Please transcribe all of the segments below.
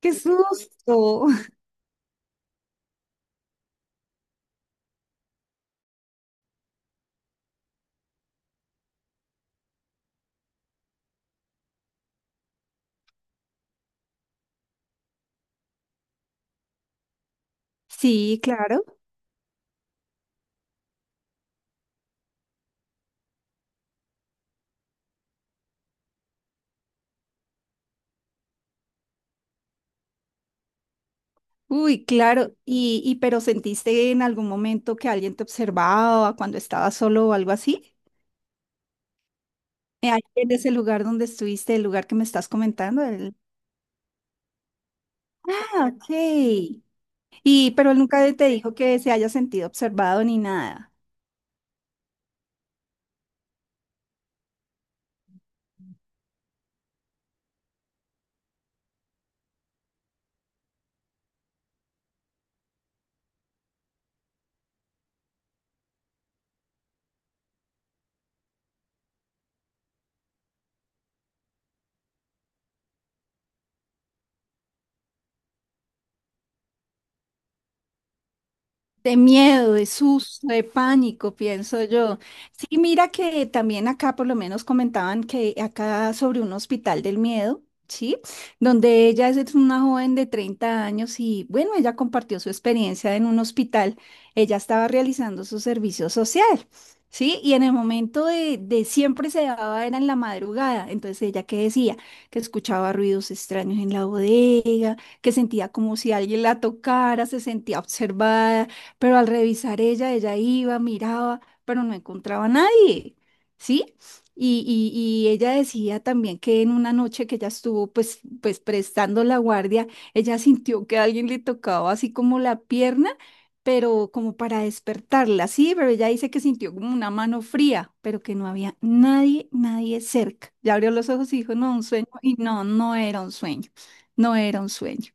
¡Qué susto! Sí, claro. Uy, claro. Y pero ¿sentiste en algún momento que alguien te observaba cuando estabas solo o algo así? Ahí. En ese lugar donde estuviste, el lugar que me estás comentando. Ah, ok. Y pero él nunca te dijo que se haya sentido observado ni nada. De miedo, de susto, de pánico, pienso yo. Sí, mira que también acá por lo menos comentaban que acá sobre un hospital del miedo, ¿sí? Donde ella es una joven de 30 años y bueno, ella compartió su experiencia en un hospital. Ella estaba realizando su servicio social, ¿sí? Y en el momento de siempre se daba, era en la madrugada. Entonces ella que decía que escuchaba ruidos extraños en la bodega, que sentía como si alguien la tocara, se sentía observada, pero al revisar ella, ella iba, miraba, pero no encontraba a nadie, ¿sí? Y, y ella decía también que en una noche que ella estuvo pues prestando la guardia, ella sintió que alguien le tocaba así como la pierna, pero como para despertarla, sí, pero ella dice que sintió como una mano fría, pero que no había nadie, nadie cerca. Ya abrió los ojos y dijo, no, un sueño, y no, no era un sueño, no era un sueño.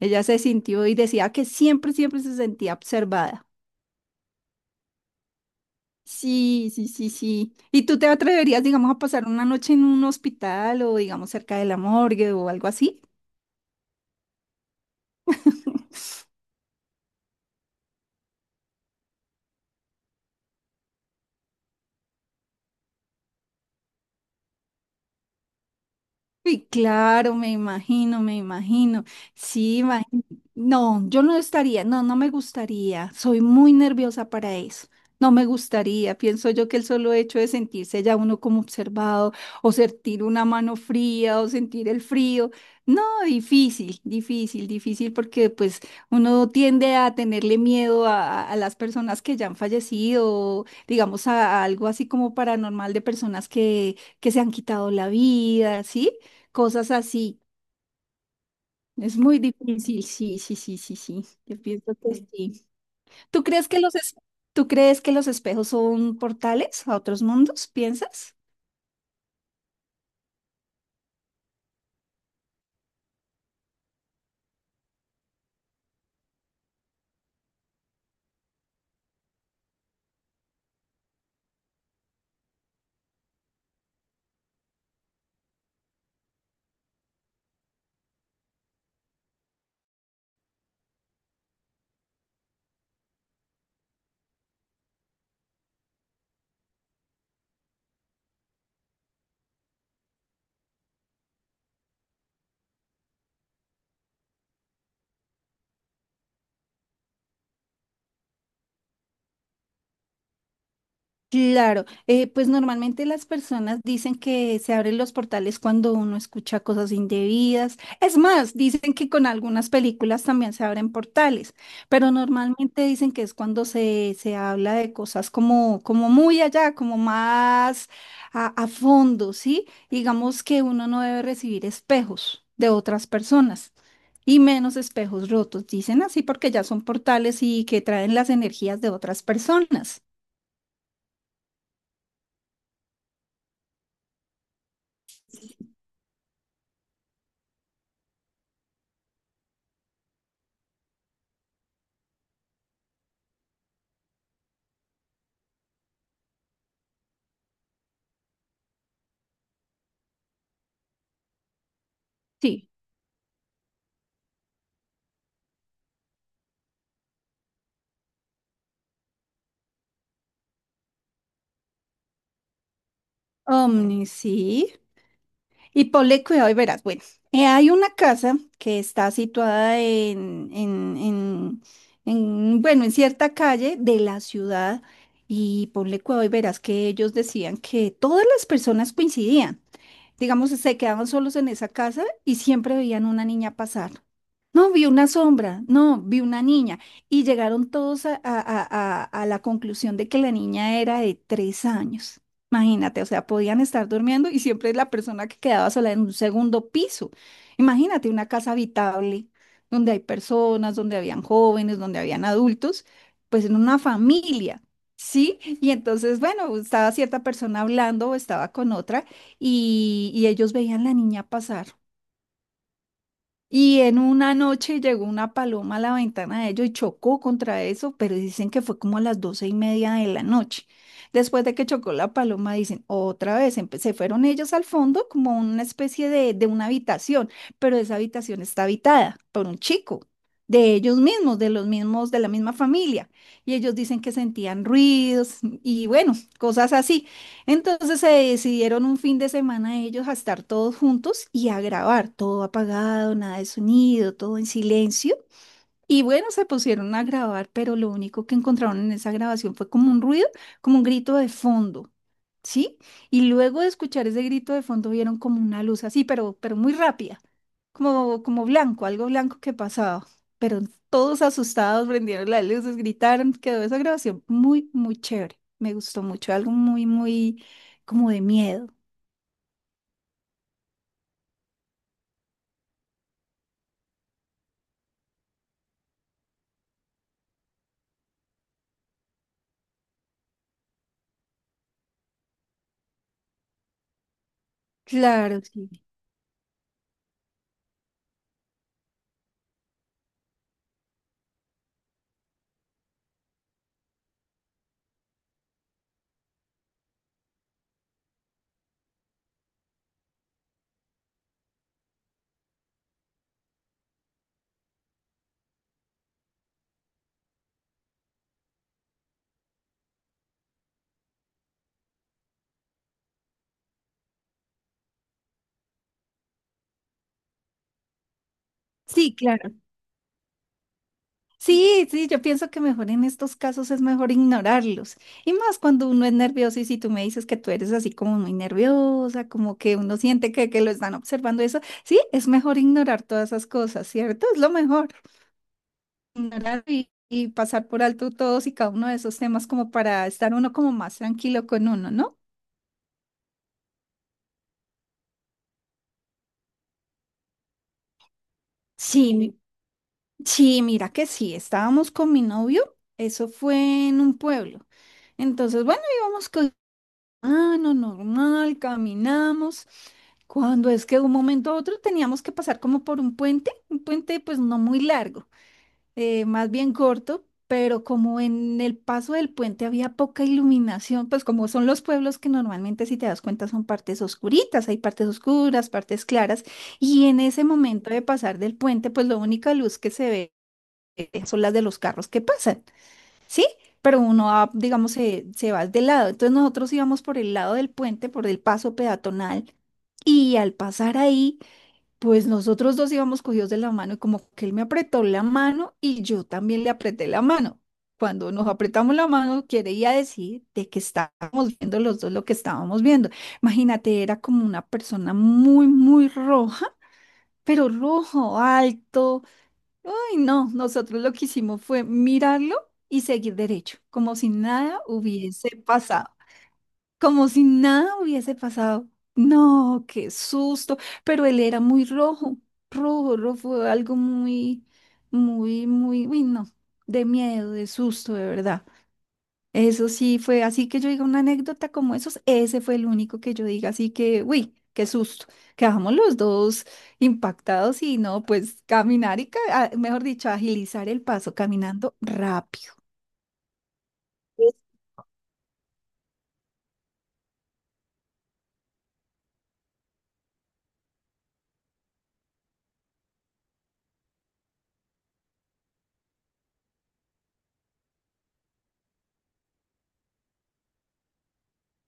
Ella se sintió y decía que siempre, siempre se sentía observada. Sí, sí, sí, sí. ¿Y tú te atreverías, digamos, a pasar una noche en un hospital o, digamos, cerca de la morgue o algo así? Y claro, me imagino, me imagino. Sí, imagino. No, yo no estaría, no, no me gustaría. Soy muy nerviosa para eso. No me gustaría. Pienso yo que el solo hecho de sentirse ya uno como observado, o sentir una mano fría, o sentir el frío. No, difícil, difícil, difícil, porque pues uno tiende a tenerle miedo a, a las personas que ya han fallecido, o, digamos a algo así como paranormal de personas que se han quitado la vida, ¿sí? Cosas así. Es muy difícil, sí, sí, sí, sí, sí. Yo pienso que sí. ¿Tú crees que los tú crees que los espejos son portales a otros mundos? ¿Piensas? Claro, pues normalmente las personas dicen que se abren los portales cuando uno escucha cosas indebidas. Es más, dicen que con algunas películas también se abren portales, pero normalmente dicen que es cuando se habla de cosas como, como muy allá, como más a fondo, ¿sí? Digamos que uno no debe recibir espejos de otras personas. Y menos espejos rotos, dicen así porque ya son portales y que traen las energías de otras personas. Sí. Omni, sí. Y ponle cuidado y verás. Bueno, hay una casa que está situada en bueno, en cierta calle de la ciudad. Y ponle cuidado y verás que ellos decían que todas las personas coincidían, digamos, se quedaban solos en esa casa y siempre veían una niña pasar. No, vi una sombra, no, vi una niña. Y llegaron todos a, a la conclusión de que la niña era de 3 años. Imagínate, o sea, podían estar durmiendo y siempre la persona que quedaba sola en un segundo piso. Imagínate una casa habitable donde hay personas, donde habían jóvenes, donde habían adultos, pues en una familia, ¿sí? Y entonces, bueno, estaba cierta persona hablando o estaba con otra y ellos veían la niña pasar. Y en una noche llegó una paloma a la ventana de ellos y chocó contra eso, pero dicen que fue como a las 12:30 de la noche. Después de que chocó la paloma, dicen, otra vez, se fueron ellos al fondo como una especie de una habitación, pero esa habitación está habitada por un chico, de ellos mismos, de los mismos, de la misma familia. Y ellos dicen que sentían ruidos y bueno, cosas así. Entonces se decidieron un fin de semana ellos a estar todos juntos y a grabar, todo apagado, nada de sonido, todo en silencio. Y bueno, se pusieron a grabar, pero lo único que encontraron en esa grabación fue como un ruido, como un grito de fondo, ¿sí? Y luego de escuchar ese grito de fondo vieron como una luz así, pero muy rápida, como, como blanco, algo blanco que pasaba. Pero todos asustados prendieron las luces, gritaron, quedó esa grabación muy, muy chévere. Me gustó mucho, algo muy, muy como de miedo. Claro, sí. Sí, claro. Sí, sí, yo pienso que mejor en estos casos es mejor ignorarlos. Y más cuando uno es nervioso y si tú me dices que tú eres así como muy nerviosa, como que uno siente que lo están observando eso, sí, es mejor ignorar todas esas cosas, ¿cierto? Es lo mejor. Ignorar y pasar por alto todos y cada uno de esos temas como para estar uno como más tranquilo con uno, ¿no? Sí, sí, mira que sí, estábamos con mi novio, eso fue en un pueblo. Entonces, bueno, íbamos. Ah, no, normal, caminamos. Cuando es que de un momento a otro teníamos que pasar como por un puente pues no muy largo, más bien corto, pero como en el paso del puente había poca iluminación, pues como son los pueblos que normalmente si te das cuenta son partes oscuritas, hay partes oscuras, partes claras, y en ese momento de pasar del puente pues la única luz que se ve, son las de los carros que pasan. ¿Sí? Pero uno va, digamos, se va de lado. Entonces nosotros íbamos por el lado del puente, por el paso peatonal, y al pasar ahí, pues nosotros dos íbamos cogidos de la mano y como que él me apretó la mano y yo también le apreté la mano. Cuando nos apretamos la mano, quería decir de que estábamos viendo los dos lo que estábamos viendo. Imagínate, era como una persona muy, muy roja, pero rojo, alto, y no, nosotros lo que hicimos fue mirarlo y seguir derecho, como si nada hubiese pasado, como si nada hubiese pasado. No, qué susto, pero él era muy rojo, rojo, rojo, fue algo muy, muy, muy, uy, no, de miedo, de susto, de verdad. Eso sí fue así que yo diga una anécdota como esos, ese fue el único que yo diga, así que, uy, qué susto. Quedamos los dos impactados y no, pues caminar y, ah, mejor dicho, agilizar el paso caminando rápido.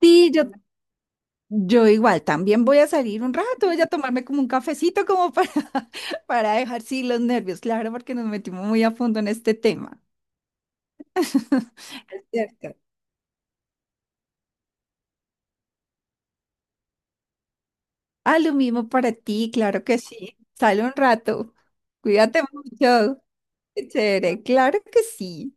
Sí, yo igual, también voy a salir un rato, voy a tomarme como un cafecito como para, para dejar sí los nervios, claro, porque nos metimos muy a fondo en este tema. Es cierto. Ah, lo mismo para ti, claro que sí. Sale un rato. Cuídate mucho. Chévere, claro que sí.